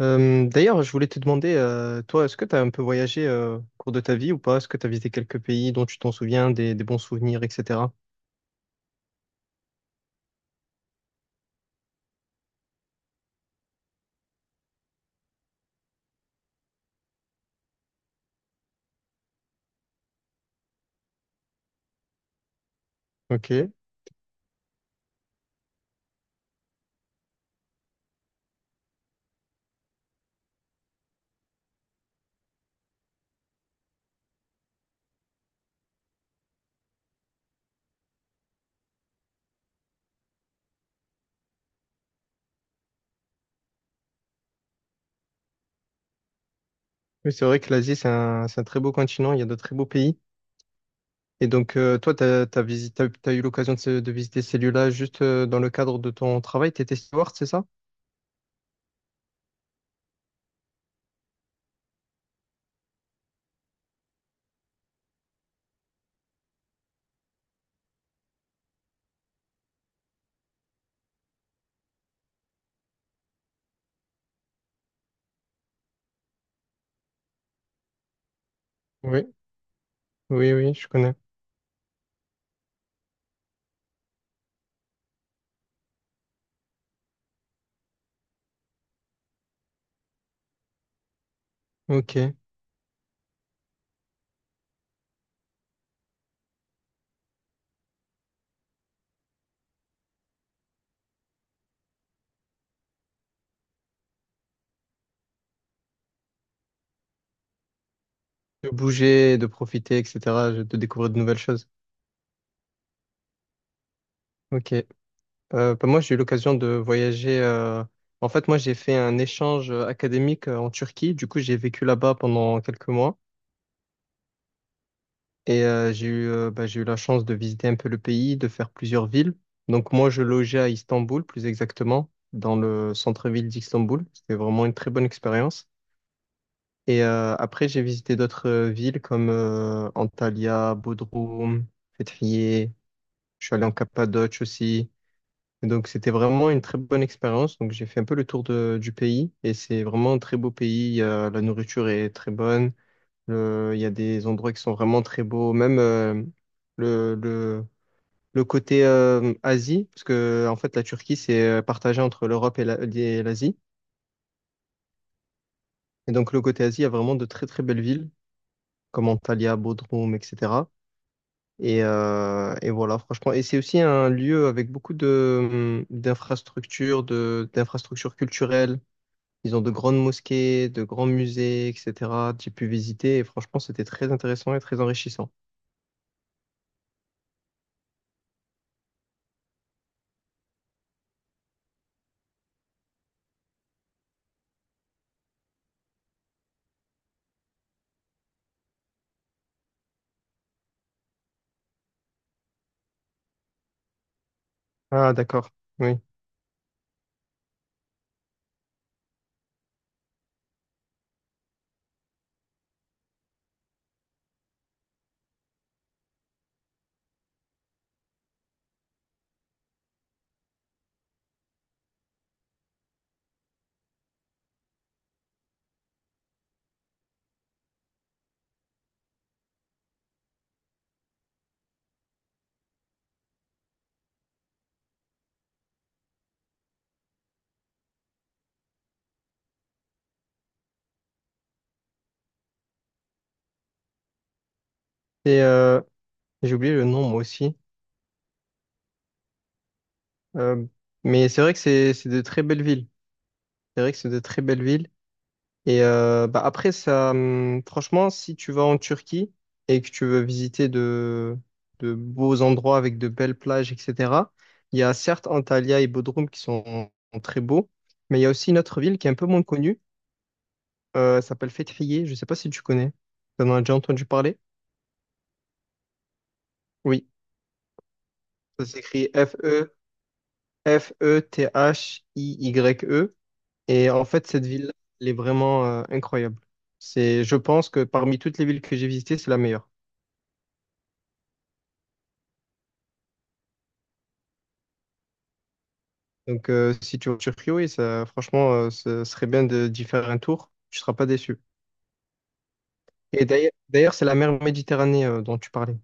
D'ailleurs, je voulais te demander, toi, est-ce que tu as un peu voyagé au cours de ta vie ou pas? Est-ce que tu as visité quelques pays dont tu t'en souviens, des bons souvenirs, etc.? Ok. Oui, c'est vrai que l'Asie, c'est un très beau continent, il y a de très beaux pays. Et donc, toi, tu as, t'as visi- t'as- t'as eu l'occasion de, de visiter ces lieux-là juste dans le cadre de ton travail. Tu étais steward, c'est ça? Oui. Oui, oui, je connais. Ok. De bouger, de profiter, etc., de découvrir de nouvelles choses. Ok. Moi, j'ai eu l'occasion de voyager. En fait, moi, j'ai fait un échange académique en Turquie. Du coup, j'ai vécu là-bas pendant quelques mois et j'ai eu la chance de visiter un peu le pays, de faire plusieurs villes. Donc, moi, je logeais à Istanbul, plus exactement, dans le centre-ville d'Istanbul. C'était vraiment une très bonne expérience. Et après, j'ai visité d'autres villes comme Antalya, Bodrum, Fethiye. Je suis allé en Cappadoce aussi. Et donc c'était vraiment une très bonne expérience. Donc j'ai fait un peu le tour du pays et c'est vraiment un très beau pays. La nourriture est très bonne. Il y a des endroits qui sont vraiment très beaux. Même le, le, le côté Asie, parce que en fait la Turquie c'est partagé entre l'Europe et et l'Asie. Et donc le côté Asie, il y a vraiment de très très belles villes comme Antalya, Bodrum, etc. Et voilà, franchement. Et c'est aussi un lieu avec beaucoup de, d'infrastructures, d'infrastructures culturelles. Ils ont de grandes mosquées, de grands musées, etc. J'ai pu visiter et franchement, c'était très intéressant et très enrichissant. Ah, d'accord. Oui. Et j'ai oublié le nom, moi aussi. Euh, mais c'est vrai que c'est de très belles villes. C'est vrai que c'est de très belles villes. Et après, ça, franchement, si tu vas en Turquie et que tu veux visiter de beaux endroits avec de belles plages, etc., il y a certes Antalya et Bodrum qui sont très beaux, mais il y a aussi une autre ville qui est un peu moins connue. Ça s'appelle Fêtrier, je sais pas si tu connais. T'en as déjà entendu parler? Oui. Ça s'écrit F-E, F-E-T-H-I-Y-E. Et en fait, cette ville elle est vraiment incroyable. C'est, je pense que parmi toutes les villes que j'ai visitées, c'est la meilleure. Donc, si tu vas en Turquie, oui, ça, franchement, ce serait bien de, d'y faire un tour. Tu seras pas déçu. Et d'ailleurs, d'ailleurs, c'est la mer Méditerranée dont tu parlais.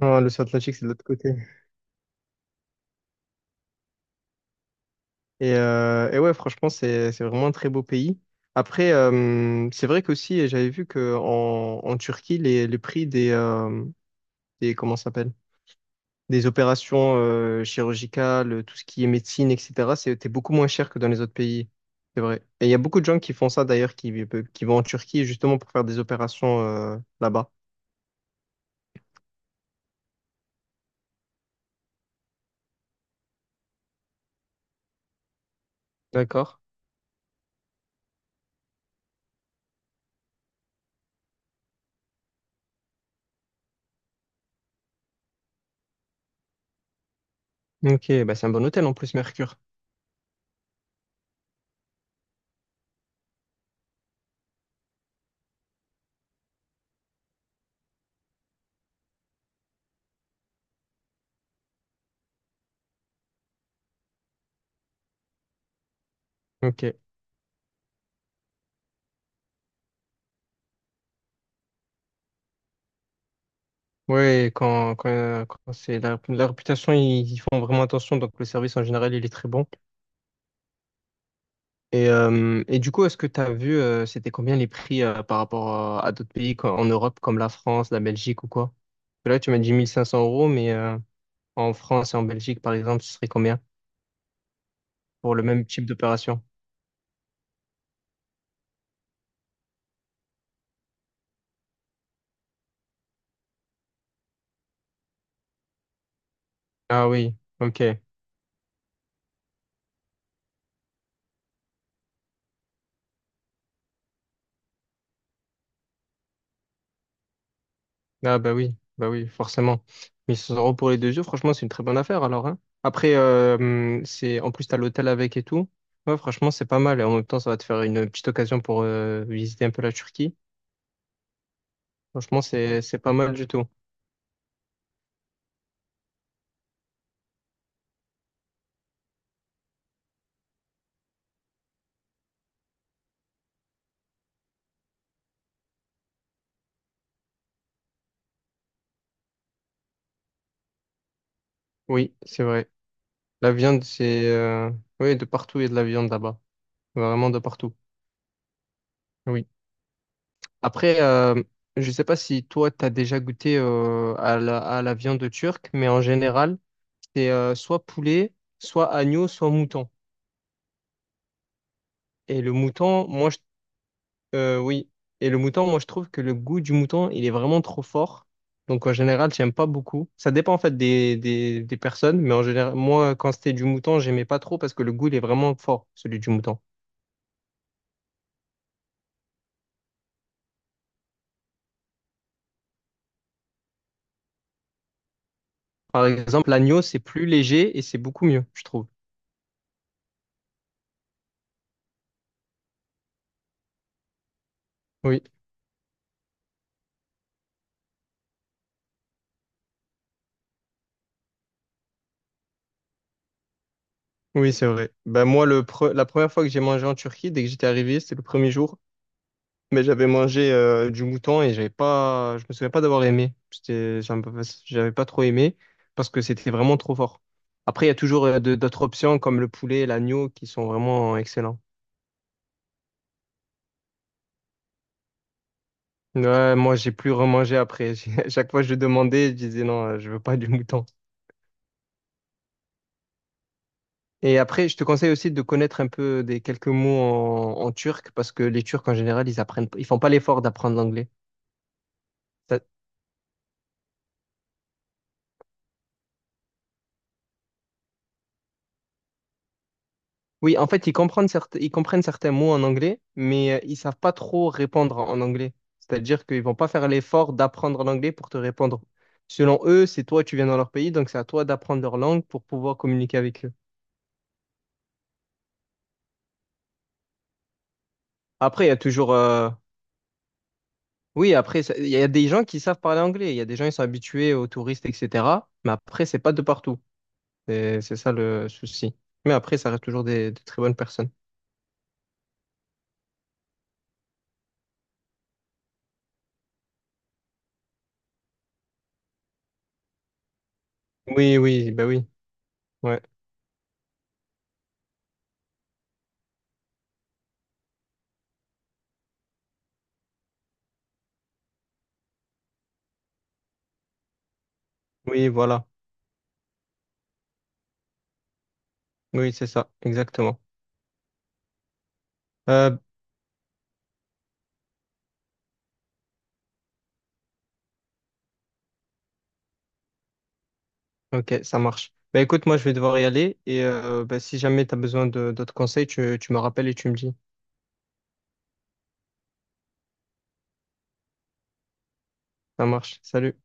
Ah, l'océan Atlantique, c'est de l'autre côté. Et ouais, franchement, c'est vraiment un très beau pays. Après, c'est vrai qu'aussi, j'avais vu que en Turquie, les prix des, comment ça s'appelle? Des opérations chirurgicales, tout ce qui est médecine, etc., c'était beaucoup moins cher que dans les autres pays. C'est vrai. Et il y a beaucoup de gens qui font ça d'ailleurs, qui vont en Turquie justement pour faire des opérations là-bas. D'accord. Ok, bah c'est un bon hôtel en plus, Mercure. Ok. Ouais, quand c'est la réputation, ils font vraiment attention. Donc, le service en général, il est très bon. Et du coup, est-ce que tu as vu, c'était combien les prix par rapport à d'autres pays quoi, en Europe, comme la France, la Belgique ou quoi? Là, tu m'as dit 1500 euros, mais en France et en Belgique, par exemple, ce serait combien pour le même type d'opération? Ah oui, ok. Ah bah oui, forcément. 1600 euros pour les deux yeux franchement, c'est une très bonne affaire alors, hein. Après, c'est en plus t'as l'hôtel avec et tout. Ouais, franchement, c'est pas mal. Et en même temps, ça va te faire une petite occasion pour visiter un peu la Turquie. Franchement, c'est pas mal du tout. Oui, c'est vrai. La viande, c'est oui, de partout, il y a de la viande là-bas. Vraiment de partout. Oui. Après, je sais pas si toi, t'as déjà goûté à la viande turque, mais en général, c'est soit poulet, soit agneau, soit mouton. Et le mouton, oui. Et le mouton, moi, je trouve que le goût du mouton, il est vraiment trop fort. Donc, en général, j'aime pas beaucoup. Ça dépend, en fait, des personnes. Mais en général, moi, quand c'était du mouton, j'aimais pas trop parce que le goût, il est vraiment fort, celui du mouton. Par exemple, l'agneau, c'est plus léger et c'est beaucoup mieux, je trouve. Oui, oui, c'est vrai. Ben, moi, la première fois que j'ai mangé en Turquie, dès que j'étais arrivé, c'était le premier jour. Mais j'avais mangé du mouton et j'avais pas, je me souviens pas d'avoir aimé. J'avais pas trop aimé parce que c'était vraiment trop fort. Après, il y a toujours d'autres options comme le poulet et l'agneau qui sont vraiment excellents. Ouais, moi, j'ai plus remangé après. À chaque fois, je demandais, je disais non, je veux pas du mouton. Et après, je te conseille aussi de connaître un peu des quelques mots en turc parce que les Turcs, en général, ils font pas l'effort d'apprendre l'anglais. Oui, en fait, ils comprennent certains mots en anglais, mais ils savent pas trop répondre en en anglais. C'est-à-dire qu'ils vont pas faire l'effort d'apprendre l'anglais pour te répondre. Selon eux, c'est toi, tu viens dans leur pays, donc c'est à toi d'apprendre leur langue pour pouvoir communiquer avec eux. Après, il y a toujours, oui, après, il y a des gens qui savent parler anglais, il y a des gens qui sont habitués aux touristes, etc. Mais après, c'est pas de partout. C'est ça le souci. Mais après, ça reste toujours des très bonnes personnes. Oui, oui, ben oui, ouais, oui, voilà, oui, c'est ça, exactement. Euh, Ok, ça marche. Bah écoute, moi je vais devoir y aller et si jamais tu as besoin de d'autres conseils, tu me rappelles et tu me dis. Ça marche. Salut.